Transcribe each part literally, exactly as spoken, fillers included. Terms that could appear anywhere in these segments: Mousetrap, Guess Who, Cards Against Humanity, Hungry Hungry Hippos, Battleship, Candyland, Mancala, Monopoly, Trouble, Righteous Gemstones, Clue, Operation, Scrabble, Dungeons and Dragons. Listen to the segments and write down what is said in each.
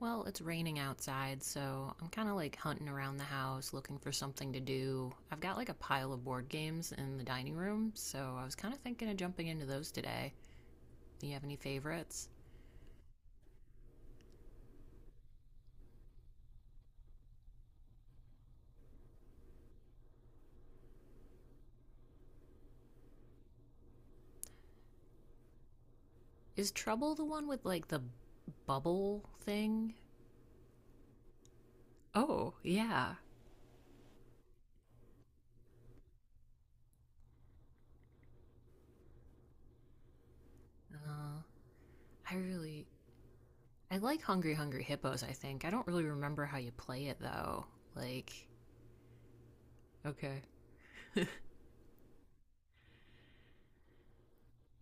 Well, it's raining outside, so I'm kind of like hunting around the house looking for something to do. I've got like a pile of board games in the dining room, so I was kind of thinking of jumping into those today. Do you have any favorites? Is Trouble the one with like the bubble thing? Oh, yeah. Uh, I really. I like Hungry Hungry Hippos, I think. I don't really remember how you play it though. Like, okay.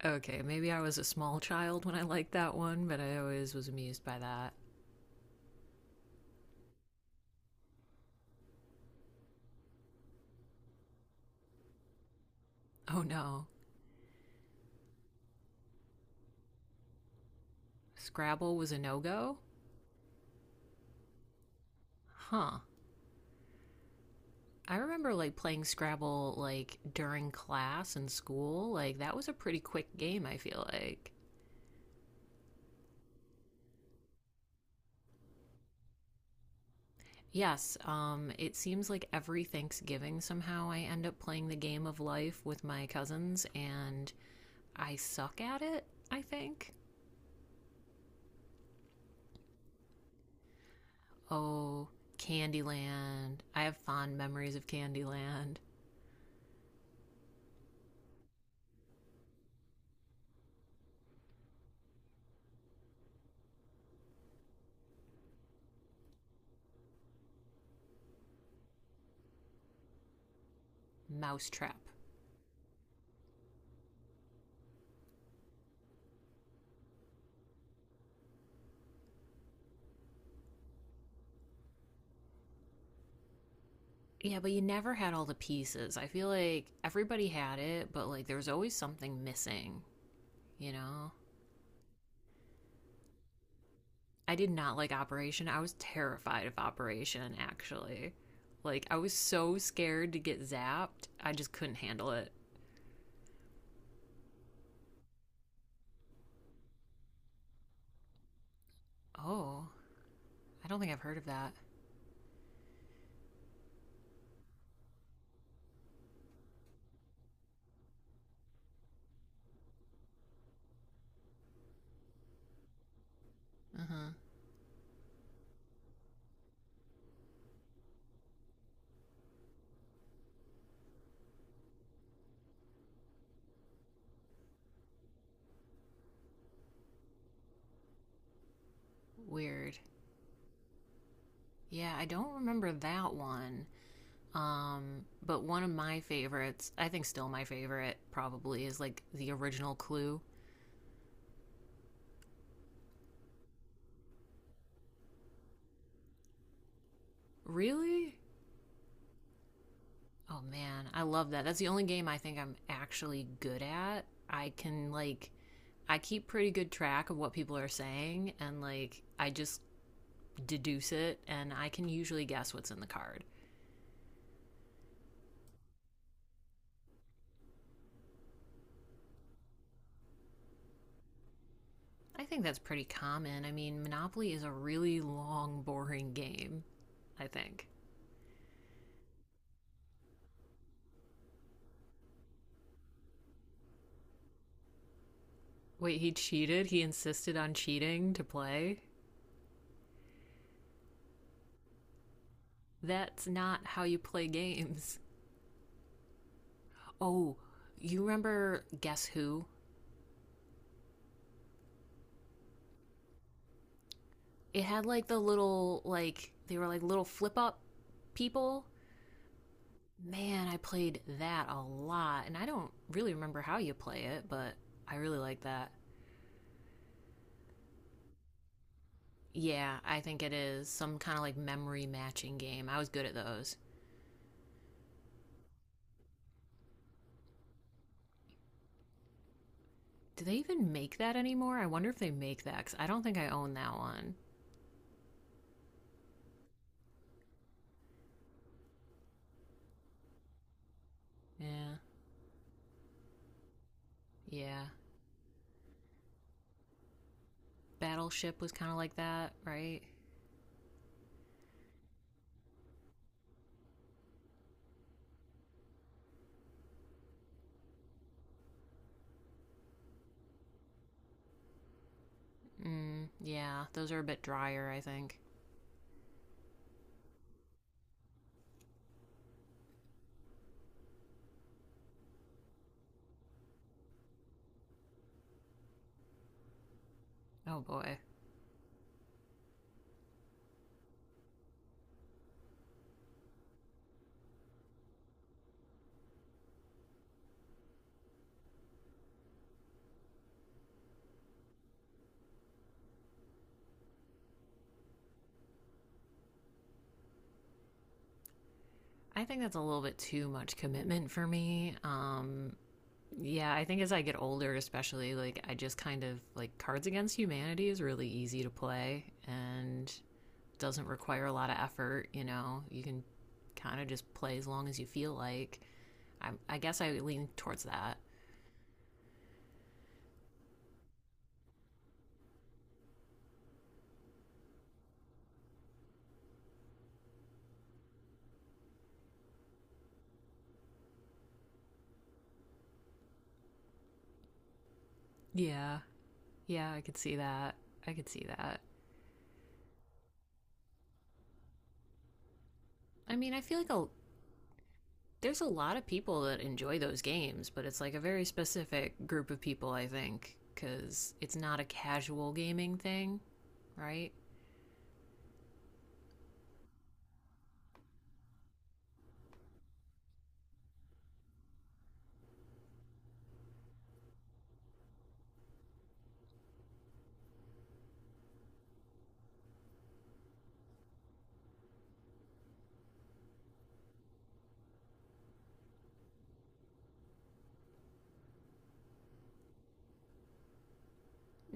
Okay, maybe I was a small child when I liked that one, but I always was amused by that. Oh no, Scrabble was a no go? Huh. I remember like playing Scrabble like during class in school. Like that was a pretty quick game, I feel like. Yes, um it seems like every Thanksgiving somehow I end up playing the game of life with my cousins and I suck at it, I think. Oh, Candyland. I have fond memories of Candyland. Mousetrap. Yeah, but you never had all the pieces. I feel like everybody had it, but like there was always something missing, you know? I did not like Operation. I was terrified of Operation, actually. Like, I was so scared to get zapped, I just couldn't handle it. Oh, I don't think I've heard of that. Uh huh. Weird. Yeah, I don't remember that one. Um, but one of my favorites, I think still my favorite, probably, is like the original Clue. Really? Oh man, I love that. That's the only game I think I'm actually good at. I can like I keep pretty good track of what people are saying, and like I just deduce it, and I can usually guess what's in the card. I think that's pretty common. I mean, Monopoly is a really long boring game, I think. Wait, he cheated? He insisted on cheating to play? That's not how you play games. Oh, you remember Guess Who? It had like the little, like they were like little flip up people. Man, I played that a lot, and I don't really remember how you play it, but I really like that. Yeah, I think it is some kind of like memory matching game. I was good at those. Do they even make that anymore? I wonder if they make that because I don't think I own that one. Yeah, yeah. Battleship was kind of like that, right? Mm, yeah, those are a bit drier, I think. Oh boy. I think that's a little bit too much commitment for me. Um, yeah, I think as I get older, especially, like, I just kind of like Cards Against Humanity is really easy to play and doesn't require a lot of effort. You know, you can kind of just play as long as you feel like. I, I guess I lean towards that. Yeah, yeah, I could see that. I could see that. I mean, I feel like a, There's a lot of people that enjoy those games, but it's like a very specific group of people, I think, because it's not a casual gaming thing, right?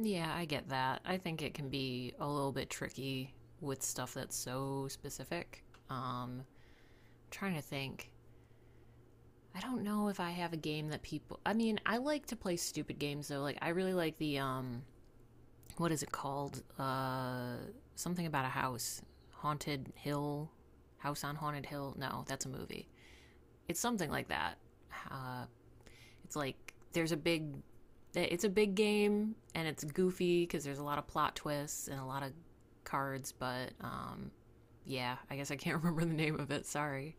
Yeah, I get that. I think it can be a little bit tricky with stuff that's so specific. Um, Trying to think. I don't know if I have a game that people. I mean, I like to play stupid games though. Like I really like the um, what is it called? Uh, something about a house, haunted hill, house on haunted hill. No, that's a movie. It's something like that. Uh, it's like there's a big, eh, it's a big game and it's goofy because there's a lot of plot twists and a lot of cards. But um, Yeah, I guess I can't remember the name of it. Sorry.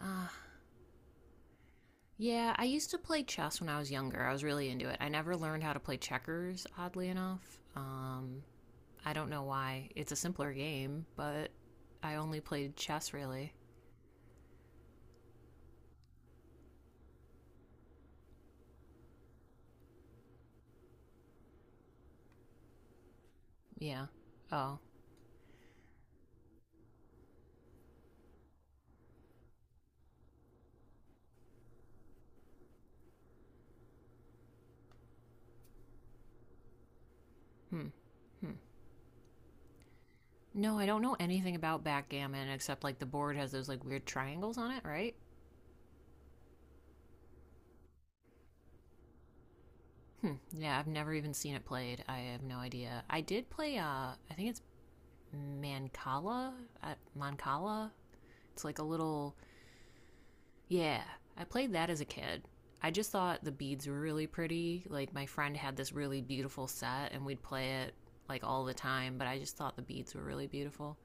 Uh, yeah, I used to play chess when I was younger. I was really into it. I never learned how to play checkers, oddly enough. Um, I don't know why. It's a simpler game, but I only played chess really. Yeah. Oh. Hmm. Hmm. No, I don't know anything about backgammon except like the board has those like weird triangles on it, right? Hmm. Yeah, I've never even seen it played. I have no idea. I did play. Uh, I think it's Mancala. Uh, Mancala. It's like a little. Yeah, I played that as a kid. I just thought the beads were really pretty. Like my friend had this really beautiful set, and we'd play it like all the time. But I just thought the beads were really beautiful.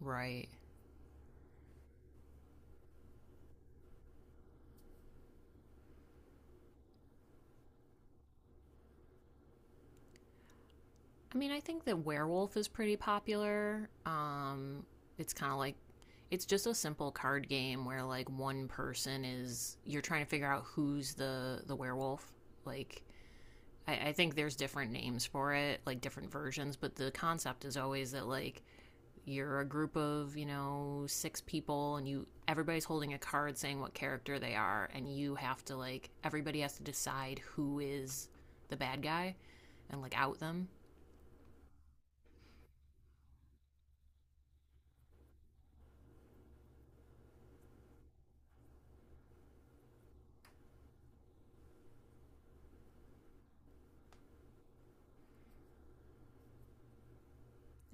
Right. I mean, I think that werewolf is pretty popular. Um, it's kind of like it's just a simple card game where like one person is you're trying to figure out who's the the werewolf. Like I, I think there's different names for it, like different versions, but the concept is always that like you're a group of you know six people, and you everybody's holding a card saying what character they are, and you have to like everybody has to decide who is the bad guy and like out them.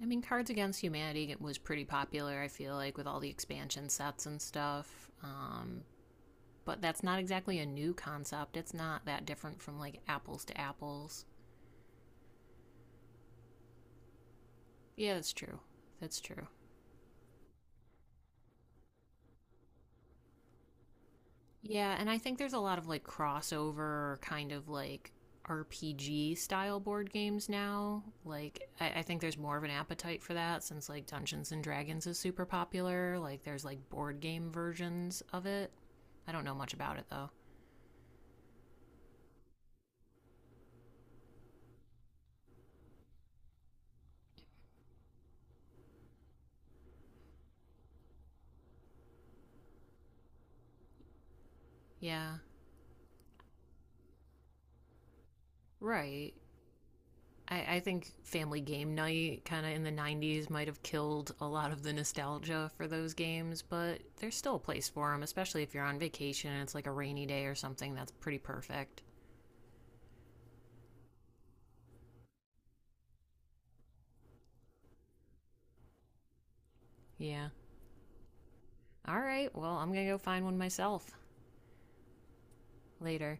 I mean, Cards Against Humanity was pretty popular, I feel like, with all the expansion sets and stuff. Um, but that's not exactly a new concept. It's not that different from like Apples to Apples. Yeah, that's true. That's true. Yeah, and I think there's a lot of like crossover kind of like R P G style board games now. Like, I, I think there's more of an appetite for that since like Dungeons and Dragons is super popular. Like, there's like board game versions of it. I don't know much about it though. Yeah. Right. I, I think Family Game Night kind of in the nineties might have killed a lot of the nostalgia for those games, but there's still a place for them, especially if you're on vacation and it's like a rainy day or something. That's pretty perfect. Yeah. All right. Well, I'm going to go find one myself later.